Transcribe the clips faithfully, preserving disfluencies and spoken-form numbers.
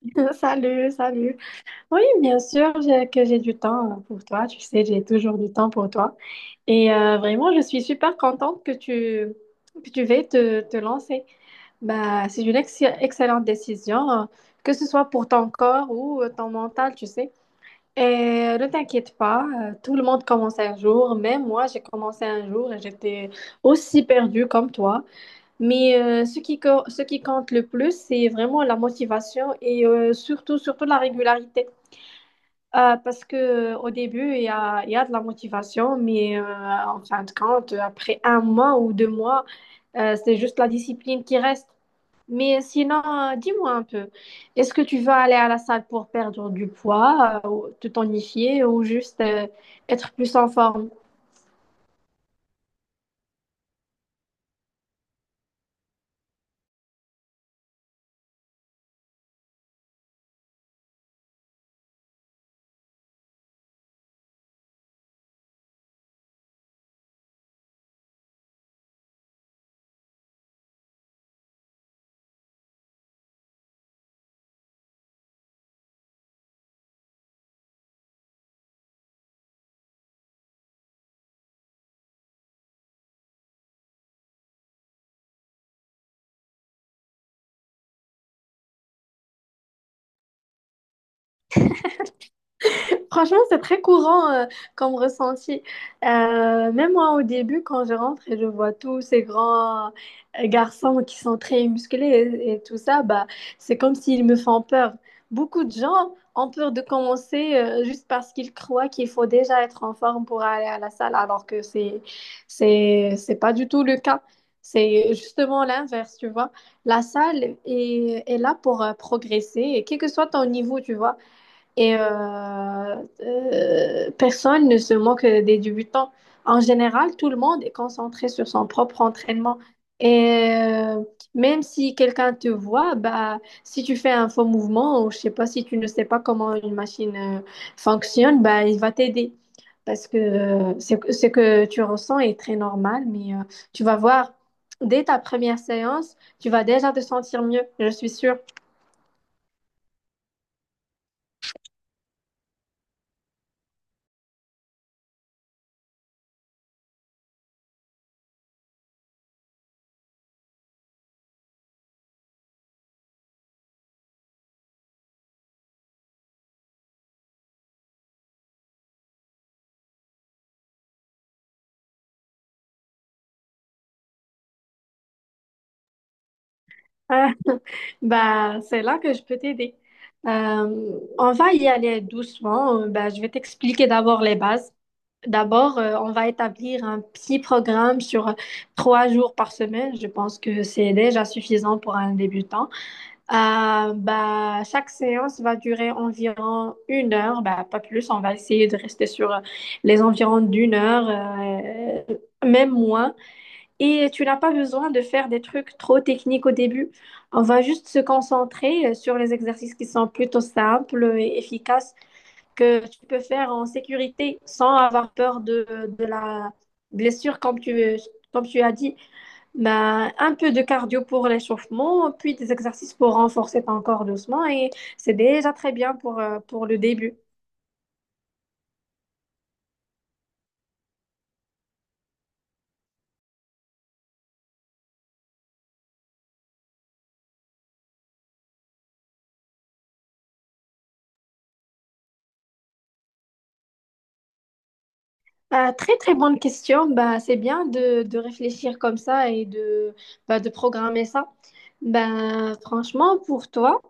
Salut, salut. Oui, bien sûr j'ai- que j'ai du temps euh, pour toi. Tu sais, j'ai toujours du temps pour toi. Et euh, vraiment, je suis super contente que tu, que tu veuilles te, te lancer. Bah, c'est une ex- excellente décision, euh, que ce soit pour ton corps ou euh, ton mental, tu sais. Et euh, ne t'inquiète pas, euh, tout le monde commence un jour. Même moi, j'ai commencé un jour et j'étais aussi perdue comme toi. Mais euh, ce qui, co- ce qui compte le plus, c'est vraiment la motivation et euh, surtout, surtout la régularité. Euh, parce que euh, au début, il y a, il y a de la motivation, mais euh, en fin de compte, après un mois ou deux mois, euh, c'est juste la discipline qui reste. Mais sinon, euh, dis-moi un peu, est-ce que tu vas aller à la salle pour perdre du poids, euh, ou te tonifier ou juste euh, être plus en forme? Franchement, c'est très courant euh, comme ressenti. Euh, même moi, au début, quand je rentre et je vois tous ces grands euh, garçons qui sont très musclés et, et tout ça, bah, c'est comme s'ils me font peur. Beaucoup de gens ont peur de commencer euh, juste parce qu'ils croient qu'il faut déjà être en forme pour aller à la salle, alors que c'est, c'est, c'est pas du tout le cas. C'est justement l'inverse, tu vois. La salle est, est là pour euh, progresser, et quel que soit ton niveau, tu vois et euh, euh, personne ne se moque des débutants. En général, tout le monde est concentré sur son propre entraînement. Et euh, même si quelqu'un te voit, bah, si tu fais un faux mouvement ou je sais pas, si tu ne sais pas comment une machine euh, fonctionne, bah, il va t'aider. Parce que euh, c'est que- ce que tu ressens est très normal, mais euh, tu vas voir, dès ta première séance, tu vas déjà te sentir mieux, je suis sûre. Ah, bah, c'est là que je peux t'aider. Euh, on va y aller doucement. Euh, Bah, je vais t'expliquer d'abord les bases. D'abord, euh, on va établir un petit programme sur trois jours par semaine. Je pense que c'est déjà suffisant pour un débutant. Euh, bah, chaque séance va durer environ une heure, bah, pas plus. On va essayer de rester sur euh, les environs d'une heure, euh, même moins. Et tu n'as pas besoin de faire des trucs trop techniques au début. On va juste se concentrer euh, sur les exercices qui sont plutôt simples et efficaces que tu peux faire en sécurité sans avoir peur de, de la blessure, comme tu, comme tu as dit. Ben, un peu de cardio pour l'échauffement, puis des exercices pour renforcer ton corps doucement. Et c'est déjà très bien pour, euh, pour le début. Ah, très très bonne question. Bah, c'est bien de, de réfléchir comme ça et de, bah, de programmer ça. Ben, franchement, pour toi,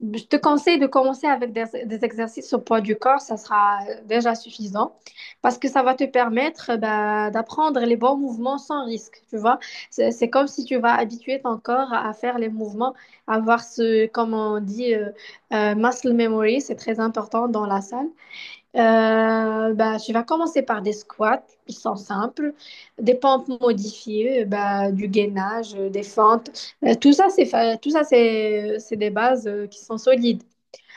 je te conseille de commencer avec des, des exercices au poids du corps. Ça sera déjà suffisant parce que ça va te permettre euh, bah, d'apprendre les bons mouvements sans risque. Tu vois, c'est c'est comme si tu vas habituer ton corps à faire les mouvements, à avoir ce, comme on dit, euh, euh, muscle memory. C'est très important dans la salle. Euh, bah, je vais commencer par des squats, ils sont simples, des pompes modifiées, euh, bah, du gainage, euh, des fentes. Euh, tout ça, c'est fa- tout ça, c'est, c'est des bases euh, qui sont solides.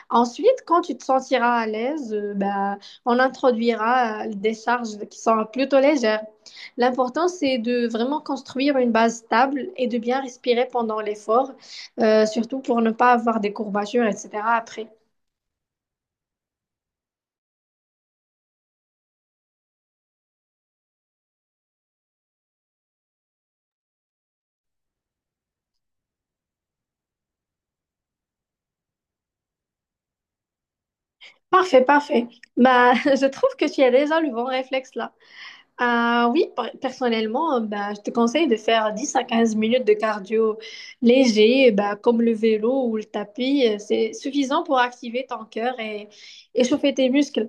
Ensuite, quand tu te sentiras à l'aise, euh, bah, on introduira euh, des charges qui sont plutôt légères. L'important, c'est de vraiment construire une base stable et de bien respirer pendant l'effort, euh, surtout pour ne pas avoir des courbatures, et cetera après. Parfait, parfait. Bah, je trouve que tu as déjà le bon réflexe là. Ah oui, per- personnellement, euh, bah, je te conseille de faire dix à quinze minutes de cardio léger, bah, comme le vélo ou le tapis. Euh, C'est suffisant pour activer ton cœur et échauffer tes muscles.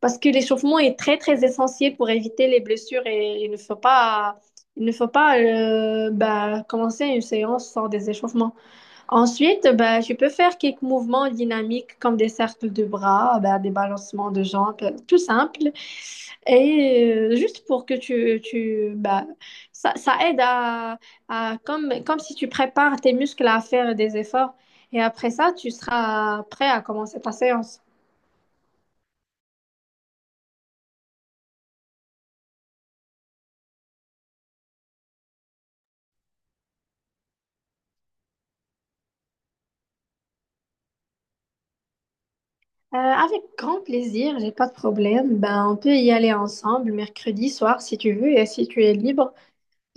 Parce que l'échauffement est très, très essentiel pour éviter les blessures et il ne faut pas, il ne faut pas euh, bah, commencer une séance sans des échauffements. Ensuite, ben, je peux faire quelques mouvements dynamiques comme des cercles de bras, ben, des balancements de jambes, tout simple. Et euh, juste pour que tu, tu ben, ça, ça aide à, à comme, comme si tu prépares tes muscles à faire des efforts. Et après ça, tu seras prêt à commencer ta séance. Euh, avec grand plaisir, j'ai pas de problème. Ben, on peut y aller ensemble mercredi soir si tu veux et si tu es libre.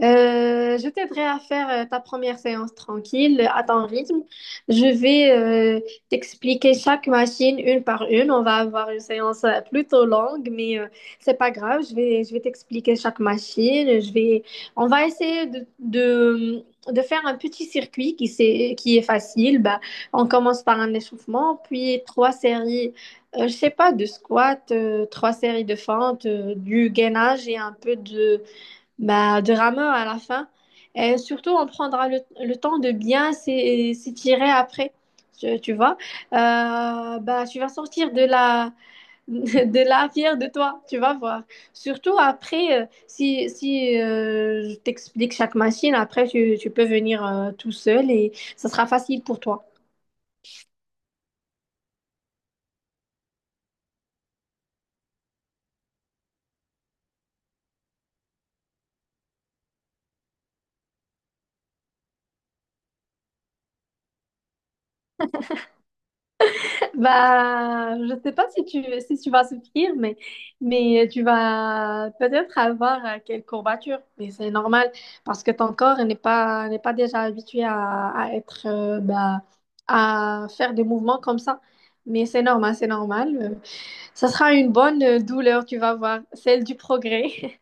Euh, je t'aiderai à faire euh, ta première séance tranquille, euh, à ton rythme. Je vais euh, t'expliquer chaque machine une par une. On va avoir une séance euh, plutôt longue, mais euh, c'est pas grave. Je vais, je vais t'expliquer chaque machine. Je vais, on va essayer de, de, de faire un petit circuit qui, c'est, qui est facile. Bah, on commence par un échauffement, puis trois séries. euh, je sais pas, de squat, euh, trois séries de fentes, euh, du gainage et un peu de, bah, de rameur à la fin. Et surtout, on prendra le, le temps de bien s'é- s'étirer après. Tu, tu vois, Euh, bah, tu vas sortir de la, de la fière de toi, tu vas voir. Surtout après, euh, si, si euh, je t'explique chaque machine, après, tu, tu peux venir euh, tout seul et ça sera facile pour toi. Bah, je sais pas si tu, si tu vas souffrir, mais, mais tu vas peut-être avoir euh, quelques courbatures. Mais c'est normal parce que ton corps n'est pas, n'est pas déjà habitué à, à être, euh, bah, à faire des mouvements comme ça. Mais c'est normal, c'est normal. Euh, Ça sera une bonne euh, douleur, tu vas voir, celle du progrès.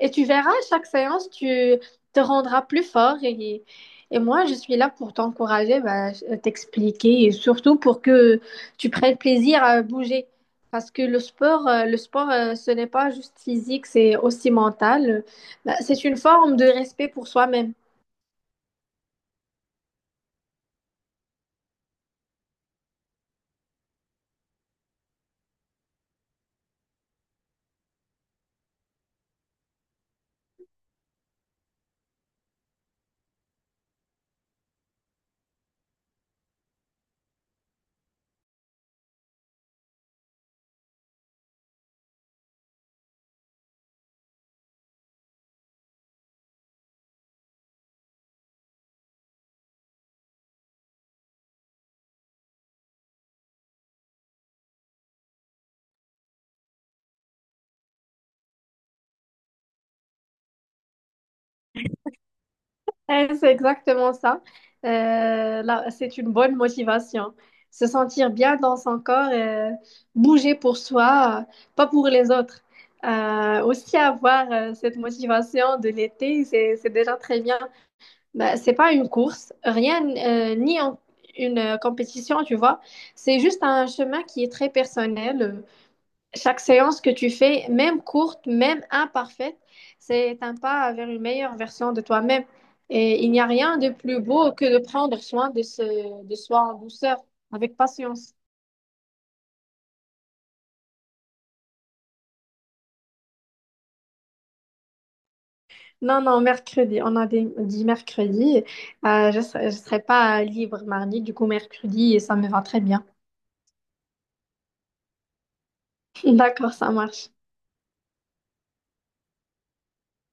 Et tu verras, à chaque séance, tu te rendras plus fort. Et, et moi, je suis là pour t'encourager, bah, t'expliquer et surtout pour que tu prennes plaisir à bouger. Parce que le sport, euh, le sport, euh, ce n'est pas juste physique, c'est aussi mental. Bah, c'est une forme de respect pour soi-même. Eh, c'est exactement ça. Euh, là, c'est une bonne motivation. Se sentir bien dans son corps, euh, bouger pour soi, euh, pas pour les autres. Euh, aussi avoir euh, cette motivation de l'été, c'est, c'est déjà très bien. Bah, c'est pas une course, rien, euh, ni en- une euh, compétition, tu vois. C'est juste un chemin qui est très personnel. euh, chaque séance que tu fais, même courte, même imparfaite, c'est un pas vers une meilleure version de toi-même. Et il n'y a rien de plus beau que de prendre soin de, ce, de soi en douceur, avec patience. Non, non, mercredi. On a des- dit mercredi. Euh, je ne serai, je serai pas libre mardi, du coup mercredi, et ça me va très bien. D'accord, ça marche.